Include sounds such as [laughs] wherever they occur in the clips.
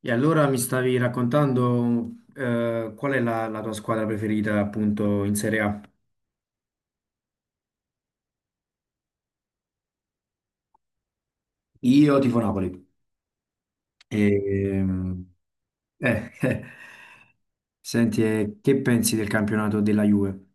E allora mi stavi raccontando qual è la, la tua squadra preferita appunto in Serie A? Io tifo Napoli. E, ehm, eh, eh, senti, che pensi del campionato della Juve?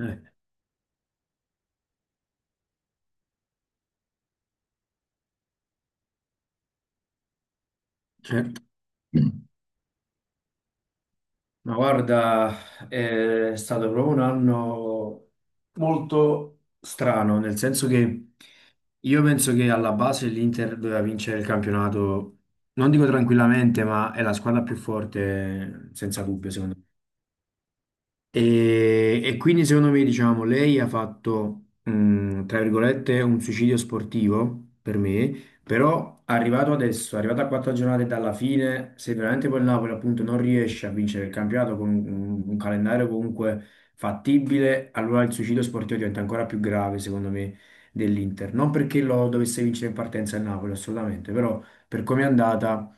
Eh, certo. Ma guarda, è stato proprio un anno molto strano, nel senso che io penso che alla base l'Inter doveva vincere il campionato, non dico tranquillamente, ma è la squadra più forte senza dubbio, secondo me. E quindi secondo me, diciamo, lei ha fatto, tra virgolette, un suicidio sportivo per me, però arrivato adesso, arrivato a quattro giornate dalla fine, se veramente poi il Napoli appunto non riesce a vincere il campionato con un calendario comunque fattibile, allora il suicidio sportivo diventa ancora più grave, secondo me, dell'Inter. Non perché lo dovesse vincere in partenza il Napoli, assolutamente, però per come è andata,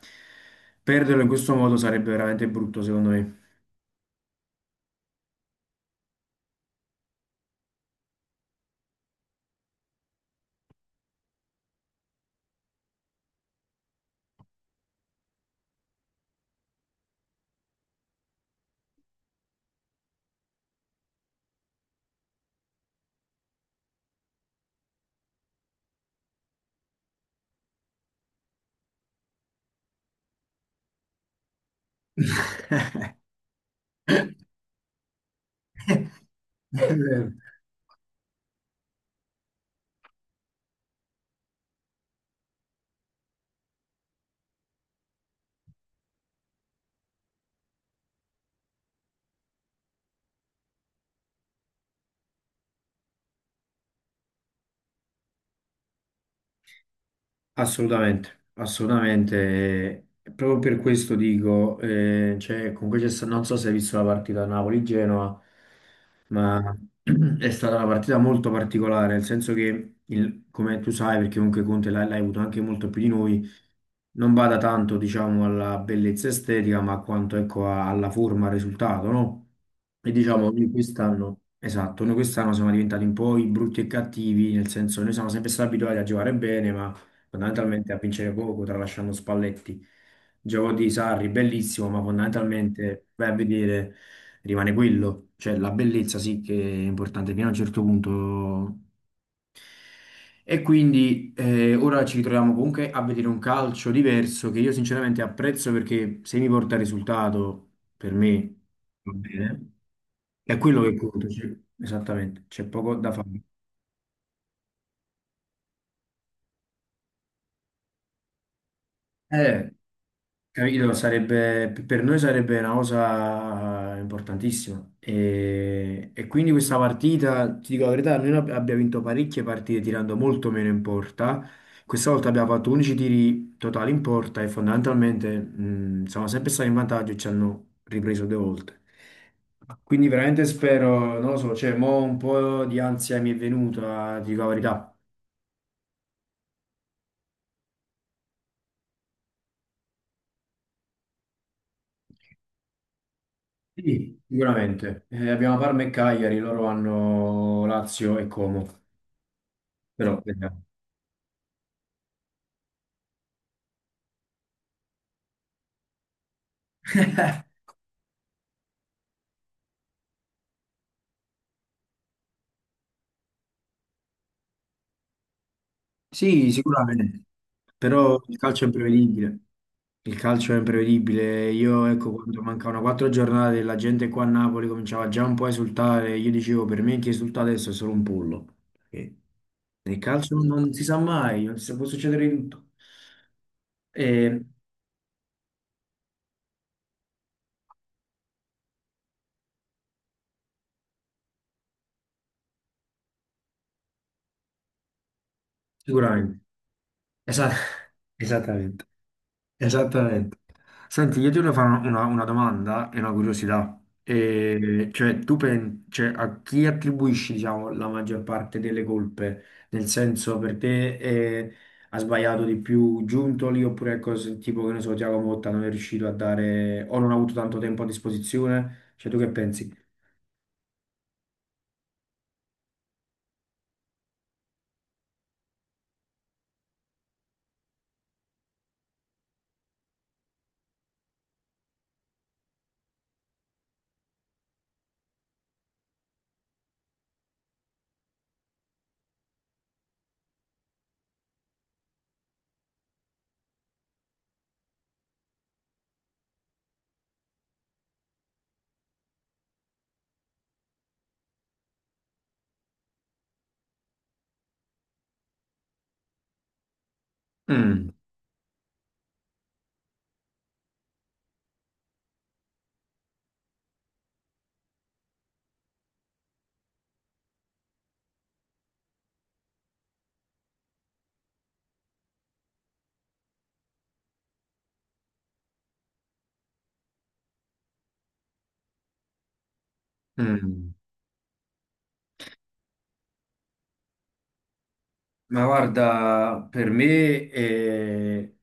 perderlo in questo modo sarebbe veramente brutto, secondo me. [laughs] Assolutamente, assolutamente. Proprio per questo dico, cioè, comunque c'è sta- non so se hai visto la partita Napoli-Genoa, ma [clears throat] è stata una partita molto particolare, nel senso che, il- come tu sai, perché comunque Conte l'hai avuto anche molto più di noi, non bada tanto, diciamo, alla bellezza estetica, ma quanto, ecco, a- alla forma, al risultato, no? E diciamo, noi quest'anno, esatto, noi quest'anno siamo diventati un po' i brutti e cattivi, nel senso, noi siamo sempre stati abituati a giocare bene, ma fondamentalmente a vincere poco, tralasciando Spalletti. Gioco di Sarri, bellissimo, ma fondamentalmente vai a vedere, rimane quello. Cioè la bellezza sì che è importante fino a un certo punto. E quindi ora ci ritroviamo comunque a vedere un calcio diverso che io sinceramente apprezzo perché se mi porta risultato, per me va bene. È quello che conta, cioè, esattamente, c'è poco da fare. Eh, capito, sarebbe, per noi sarebbe una cosa importantissima. E quindi questa partita, ti dico la verità, noi ab- abbiamo vinto parecchie partite tirando molto meno in porta. Questa volta abbiamo fatto 11 tiri totali in porta e fondamentalmente siamo sempre stati in vantaggio e ci hanno ripreso due volte. Quindi veramente spero, non lo so, cioè, mo un po' di ansia mi è venuta, ti dico la verità. Sì, sicuramente. Abbiamo Parma e Cagliari, loro hanno Lazio e Como. Però, vediamo. Sì, sicuramente. Però il calcio è imprevedibile. Il calcio è imprevedibile. Io, ecco, quando mancavano quattro giornate, e la gente qua a Napoli cominciava già un po' a esultare. Io dicevo, per me chi esulta adesso è solo un pollo. Perché nel calcio non si sa mai, non si- può succedere di tutto. Eh, sicuramente. Esa- [laughs] Esattamente. Esattamente. Senti, io ti voglio fare una domanda e una curiosità. E, cioè, tu pensi, a chi attribuisci, diciamo, la maggior parte delle colpe? Nel senso, per te ha sbagliato di più Giuntoli oppure è cose tipo, che ne so, Thiago Motta non è riuscito a dare o non ha avuto tanto tempo a disposizione? Cioè, tu che pensi? Mm, mm. Ma guarda, per me eh,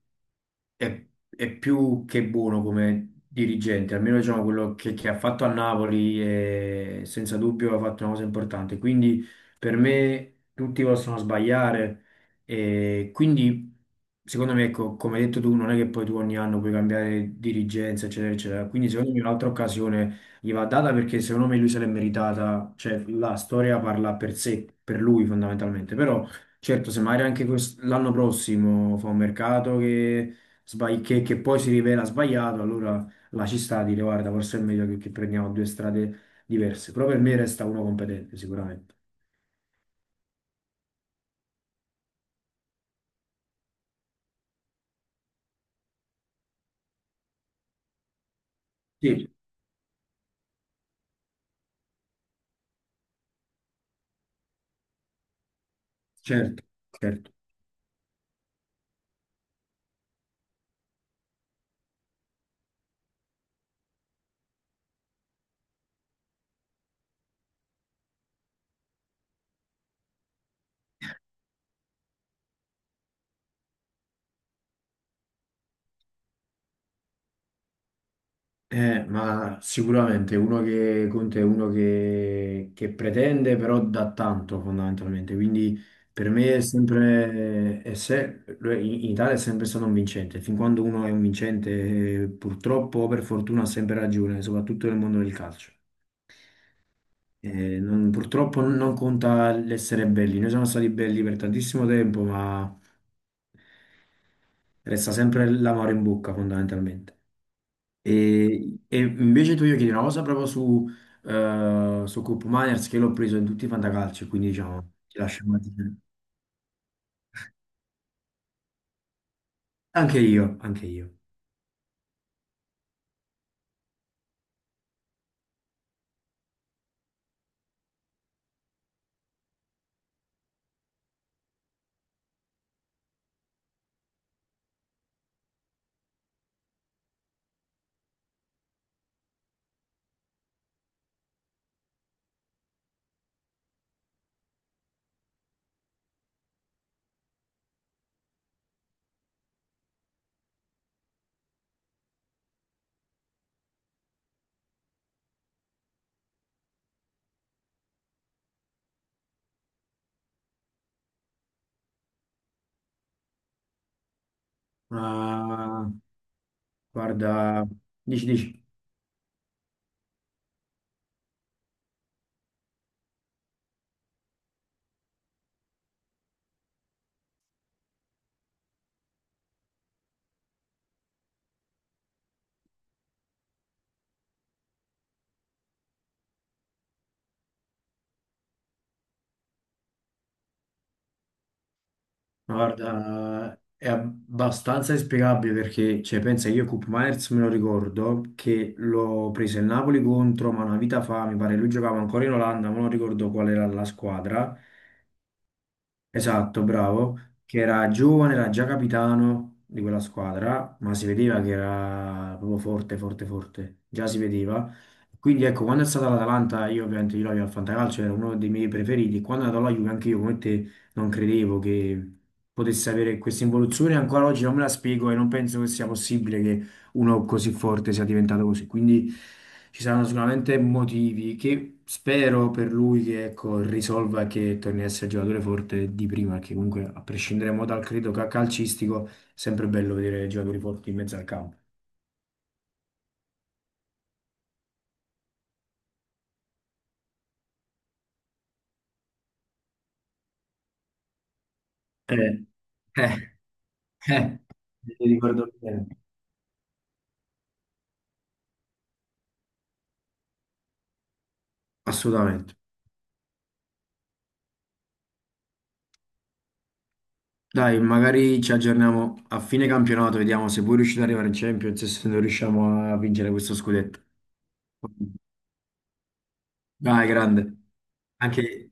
è più che buono come dirigente, almeno diciamo quello che ha fatto a Napoli e senza dubbio ha fatto una cosa importante. Quindi per me tutti possono sbagliare e quindi secondo me, ecco, come hai detto tu, non è che poi tu ogni anno puoi cambiare dirigenza, eccetera, eccetera. Quindi secondo me un'altra occasione gli va data perché secondo me lui se l'è meritata, cioè la storia parla per sé, per lui fondamentalmente, però... Certo, se magari anche quest- l'anno prossimo fa un mercato che sbagli- che poi si rivela sbagliato, allora la ci sta a dire guarda, forse è meglio che prendiamo due strade diverse. Però per me resta uno competente, sicuramente. Sì, certo, certo. Ma sicuramente uno che conta è uno che pretende, però dà tanto fondamentalmente. Quindi per me è sempre, è se- in Italia è sempre stato un vincente. Fin quando uno è un vincente, purtroppo o per fortuna ha sempre ragione, soprattutto nel mondo del calcio. Non- purtroppo non conta l'essere belli, noi siamo stati belli per tantissimo tempo, ma resta sempre l'amore in bocca fondamentalmente. E invece tu io chiedi una cosa proprio su, su Coop Miners che l'ho preso in tutti i fantacalci, quindi diciamo ti lascio un attimo. Anche io, anche io. Ma guarda, dici, dici. Ma Guarda, è abbastanza inspiegabile perché, cioè, pensa, io Koop Meiners me lo ricordo che l'ho preso il Napoli contro, ma una vita fa, mi pare lui giocava ancora in Olanda, ma non ricordo qual era la squadra. Esatto, bravo, che era giovane, era già capitano di quella squadra, ma si vedeva che era proprio forte, forte, forte, già si vedeva. Quindi ecco, quando è stata l'Atalanta, io ovviamente io lo avevo al Fantacalcio, era uno dei miei preferiti. Quando è andato alla Juve, anche io come te non credevo che potesse avere questa involuzione, ancora oggi non me la spiego e non penso che sia possibile uno così forte sia diventato così. Quindi ci saranno sicuramente motivi che spero per lui che ecco, risolva e che torni a essere il giocatore forte di prima, perché comunque a prescindere mo dal credo ca- calcistico, è sempre bello vedere giocatori forti in mezzo al campo. Eh, eh, eh, mi ricordo bene. Assolutamente. Dai, magari ci aggiorniamo a fine campionato, vediamo se voi riuscite ad arrivare in Champions e se non riusciamo a vincere questo scudetto. Dai, grande. Anche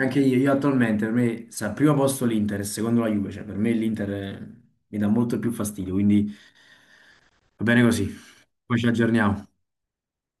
Anche io attualmente per me sta al primo posto l'Inter e secondo la Juve, cioè per me l'Inter mi dà molto più fastidio, quindi va bene così. Poi ci aggiorniamo.